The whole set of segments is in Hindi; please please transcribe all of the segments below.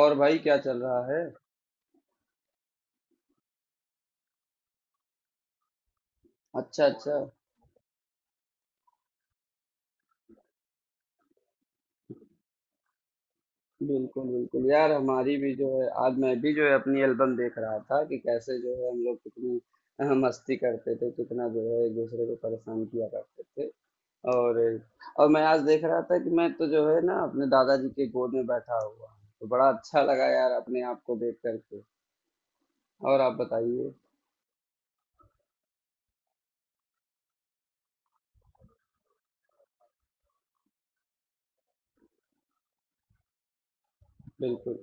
और भाई क्या चल रहा है। अच्छा अच्छा। बिल्कुल बिल्कुल यार, हमारी भी जो है, आज मैं भी जो है अपनी एल्बम देख रहा था कि कैसे जो है हम लोग कितनी मस्ती करते थे, कितना जो है एक दूसरे को परेशान किया करते थे। और और मैं आज देख रहा था कि मैं तो जो है ना अपने दादाजी के गोद में बैठा हुआ हूँ, तो बड़ा अच्छा लगा यार अपने आप को देख करके। और आप बताइए। बिल्कुल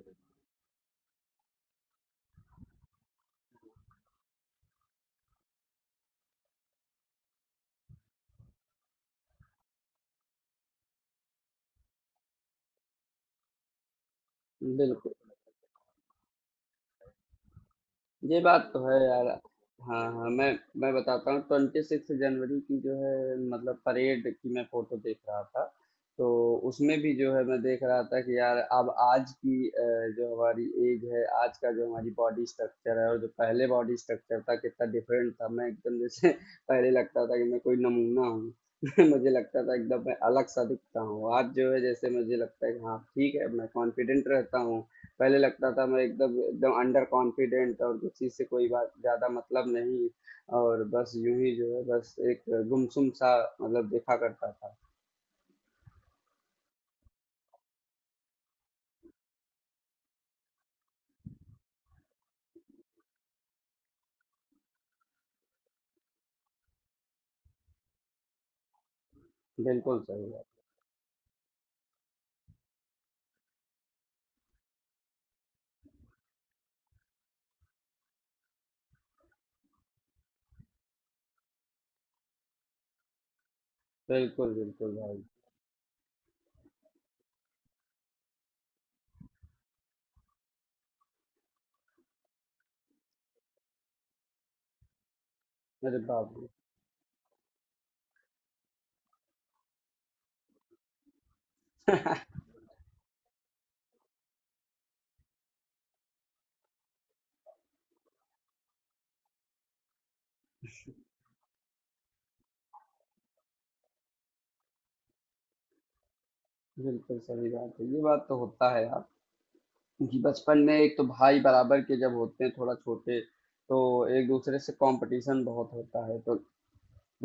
बिल्कुल। ये बात तो है यार। हाँ हाँ। मैं बताता हूँ ट्वेंटी सिक्स जनवरी की जो है मतलब परेड की मैं फोटो देख रहा था। तो उसमें भी जो है मैं देख रहा था कि यार अब आज की जो हमारी एज है, आज का जो हमारी बॉडी स्ट्रक्चर है और जो पहले बॉडी स्ट्रक्चर था, कितना डिफरेंट था। मैं एकदम जैसे पहले लगता था कि मैं कोई नमूना हूँ। मुझे लगता था एकदम मैं अलग सा दिखता हूँ। आज जो है जैसे मुझे लगता है कि हाँ ठीक है, मैं कॉन्फिडेंट रहता हूँ। पहले लगता था मैं एकदम एकदम अंडर कॉन्फिडेंट, और किसी से कोई बात ज़्यादा मतलब नहीं। और बस यूं ही जो है बस एक गुमसुम सा मतलब देखा करता था। बिल्कुल सही बात। बिल्कुल बिल्कुल भाई। अरे बाप रे। बिल्कुल सही बात है, ये बात तो होता है यार कि बचपन में एक तो भाई बराबर के जब होते हैं थोड़ा छोटे, तो एक दूसरे से कंपटीशन बहुत होता है। तो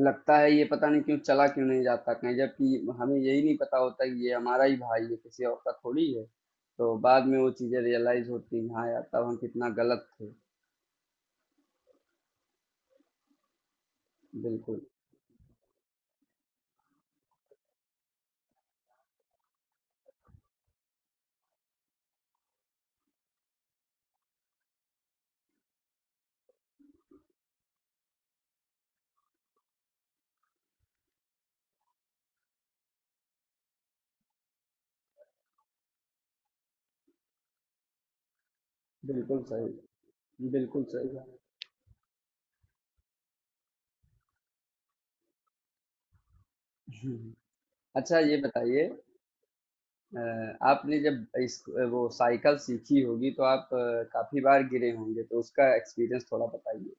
लगता है ये पता नहीं क्यों चला, क्यों नहीं जाता कहीं, जबकि हमें यही नहीं पता होता कि ये हमारा ही भाई है, किसी और का थोड़ी है। तो बाद में वो चीजें रियलाइज होती हैं, हाँ यार तब हम कितना गलत थे। बिल्कुल बिल्कुल सही, बिल्कुल सही बात। अच्छा ये बताइए, अ, आपने जब इस वो साइकिल सीखी होगी तो आप काफी बार गिरे होंगे, तो उसका एक्सपीरियंस थोड़ा बताइए।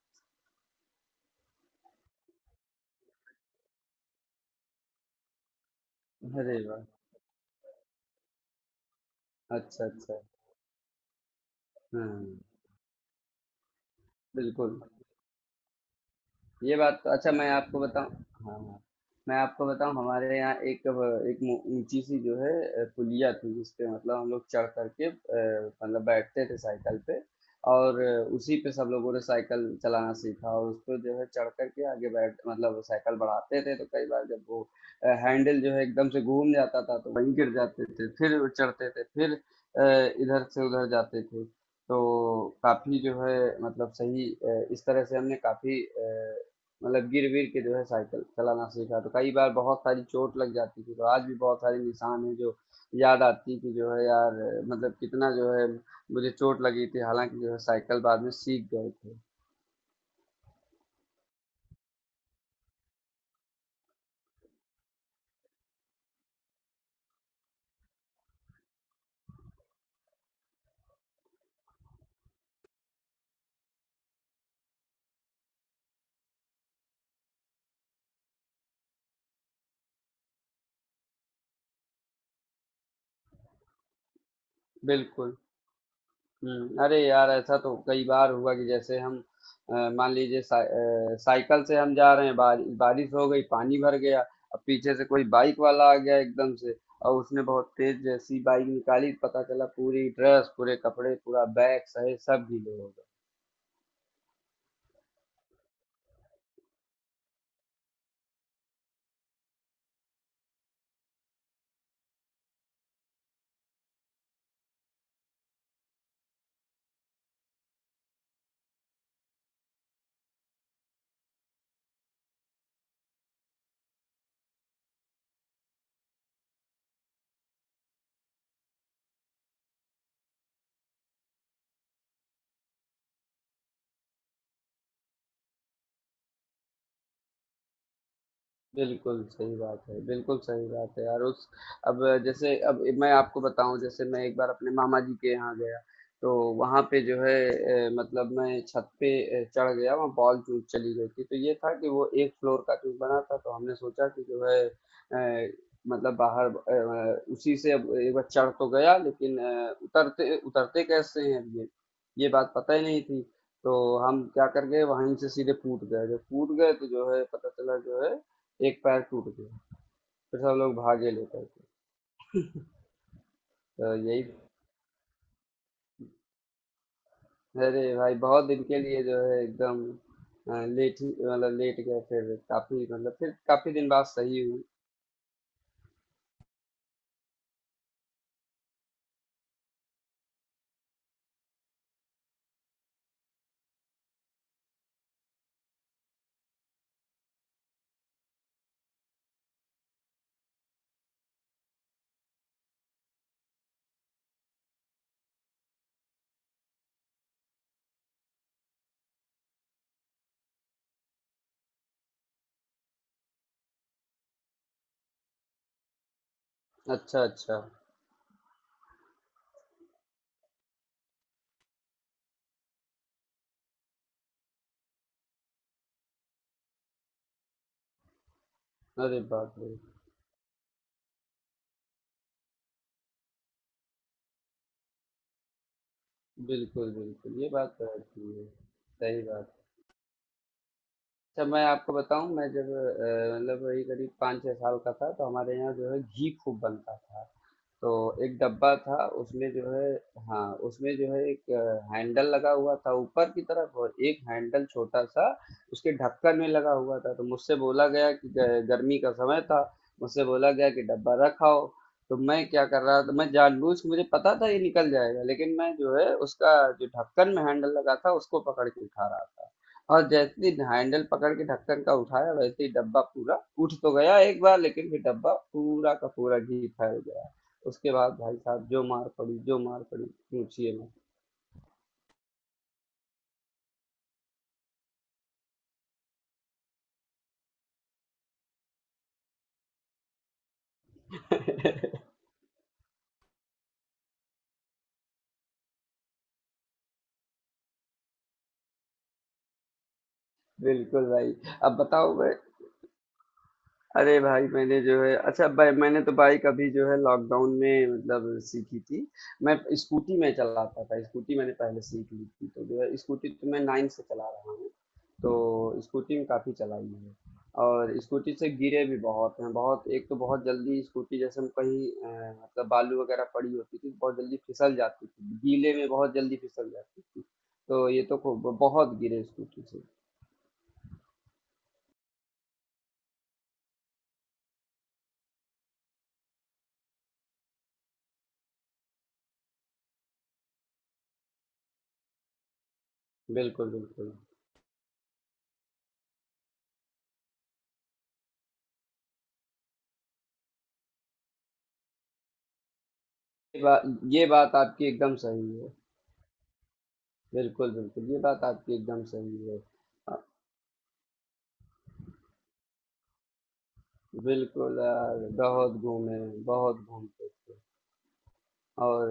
अरे वाह। अच्छा अच्छा। हाँ। बिल्कुल। ये बात तो, अच्छा मैं आपको बताऊँ। हाँ, हाँ। मैं आपको बताऊँ हमारे यहाँ एक एक मो- ऊंची सी जो है पुलिया थी, जिस पे मतलब हम लोग चढ़ करके मतलब बैठते थे साइकिल पे। और उसी पे सब लोगों ने साइकिल चलाना सीखा, और उस पर जो है चढ़ करके आगे बैठ मतलब साइकिल बढ़ाते थे। तो कई बार जब वो हैंडल जो है एकदम से घूम जाता था, तो वहीं गिर जाते थे, फिर चढ़ते थे, फिर इधर से उधर जाते थे। तो काफी जो है मतलब सही, इस तरह से हमने काफी मतलब गिर गिर के जो है साइकिल चलाना सीखा। तो कई बार बहुत सारी चोट लग जाती थी, तो आज भी बहुत सारे निशान हैं जो याद आती कि जो है यार, मतलब कितना जो है मुझे चोट लगी थी। हालांकि जो है साइकिल बाद में सीख गए थे। बिल्कुल। अरे यार ऐसा तो कई बार हुआ कि जैसे हम मान लीजिए साइकिल से हम जा रहे हैं, बारिश हो गई, पानी भर गया, अब पीछे से कोई बाइक वाला आ गया एकदम से, और उसने बहुत तेज जैसी बाइक निकाली, पता चला पूरी ड्रेस, पूरे कपड़े, पूरा बैग सहित सब गीले हो गए। बिल्कुल सही बात है, बिल्कुल सही बात है यार। उस, अब जैसे अब मैं आपको बताऊँ, जैसे मैं एक बार अपने मामा जी के यहाँ गया, तो वहाँ पे जो है मतलब मैं छत पे चढ़ गया, वहाँ बॉल चूज़ चली गई थी। तो ये था कि वो 1 फ्लोर का चूज़ बना था, तो हमने सोचा कि जो है मतलब बाहर उसी से। अब एक बार चढ़ तो गया, लेकिन उतरते उतरते कैसे हैं अब ये बात पता ही नहीं थी। तो हम क्या कर गए, वहीं से सीधे कूद गए। जब कूद गए तो जो है पता चला जो है एक पैर टूट गया। फिर सब लोग भागे लेकर के, तो यही। अरे भाई बहुत दिन के लिए जो है एकदम लेट ही मतलब लेट गए, फिर काफी मतलब फिर काफी दिन बाद सही हुई। अच्छा अच्छा। अरे बाप रे। बिल्कुल बिल्कुल, ये बात तो अच्छी है, सही बात। अच्छा मैं आपको बताऊं, मैं जब मतलब वही करीब पाँच छह साल का था, तो हमारे यहाँ जो है घी खूब बनता था। तो एक डब्बा था, उसमें जो है, हाँ उसमें जो है एक हैंडल लगा हुआ था ऊपर की तरफ, और एक हैंडल छोटा सा उसके ढक्कन में लगा हुआ था। तो मुझसे बोला गया कि गर्मी का समय था, मुझसे बोला गया कि डब्बा रखाओ। तो मैं क्या कर रहा था, मैं मुझे पता था ये निकल जाएगा, लेकिन मैं जो है उसका जो ढक्कन में हैंडल लगा था उसको पकड़ के उठा रहा था। और जैसे ही हैंडल पकड़ के ढक्कन का उठाया, वैसे ही डब्बा पूरा उठ तो गया एक बार, लेकिन फिर डब्बा पूरा का पूरा घी फैल गया। उसके बाद भाई साहब जो मार पड़ी, जो मार पड़ी, पूछिए मत। बिल्कुल भाई। अब बताओ मैं अरे भाई, मैंने जो है, अच्छा भाई मैंने तो बाइक अभी जो है लॉकडाउन में मतलब सीखी थी। मैं स्कूटी में चलाता था, स्कूटी मैंने पहले सीख ली थी। तो जो है स्कूटी तो मैं नाइन से चला रहा हूँ, तो स्कूटी में काफ़ी चलाई है। और स्कूटी से गिरे भी बहुत हैं। बहुत एक तो, बहुत जल्दी स्कूटी जैसे हम कहीं मतलब बालू वगैरह पड़ी होती थी, बहुत जल्दी फिसल जाती थी, गीले में बहुत जल्दी फिसल जाती थी। तो ये तो बहुत गिरे स्कूटी से। बिल्कुल बिल्कुल ये बात, ये बात आपकी एकदम सही है। बिल्कुल, बिल्कुल, ये बात आपकी एकदम सही है। अ, बिल्कुल यार, बहुत घूमे, बहुत घूमते थे। और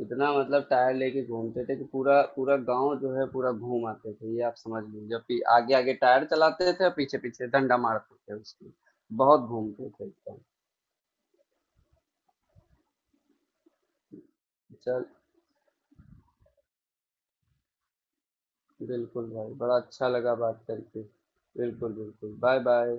इतना मतलब टायर लेके घूमते थे कि पूरा पूरा गाँव जो है पूरा घूम आते थे, ये आप समझ लीजिए। पी आगे-आगे टायर चलाते थे और पीछे-पीछे डंडा मारते थे उसमें। बहुत घूमते थे एकदम। चल, बिल्कुल भाई, बड़ा अच्छा लगा बात करके। बिल्कुल, बिल्कुल। बाय-बाय।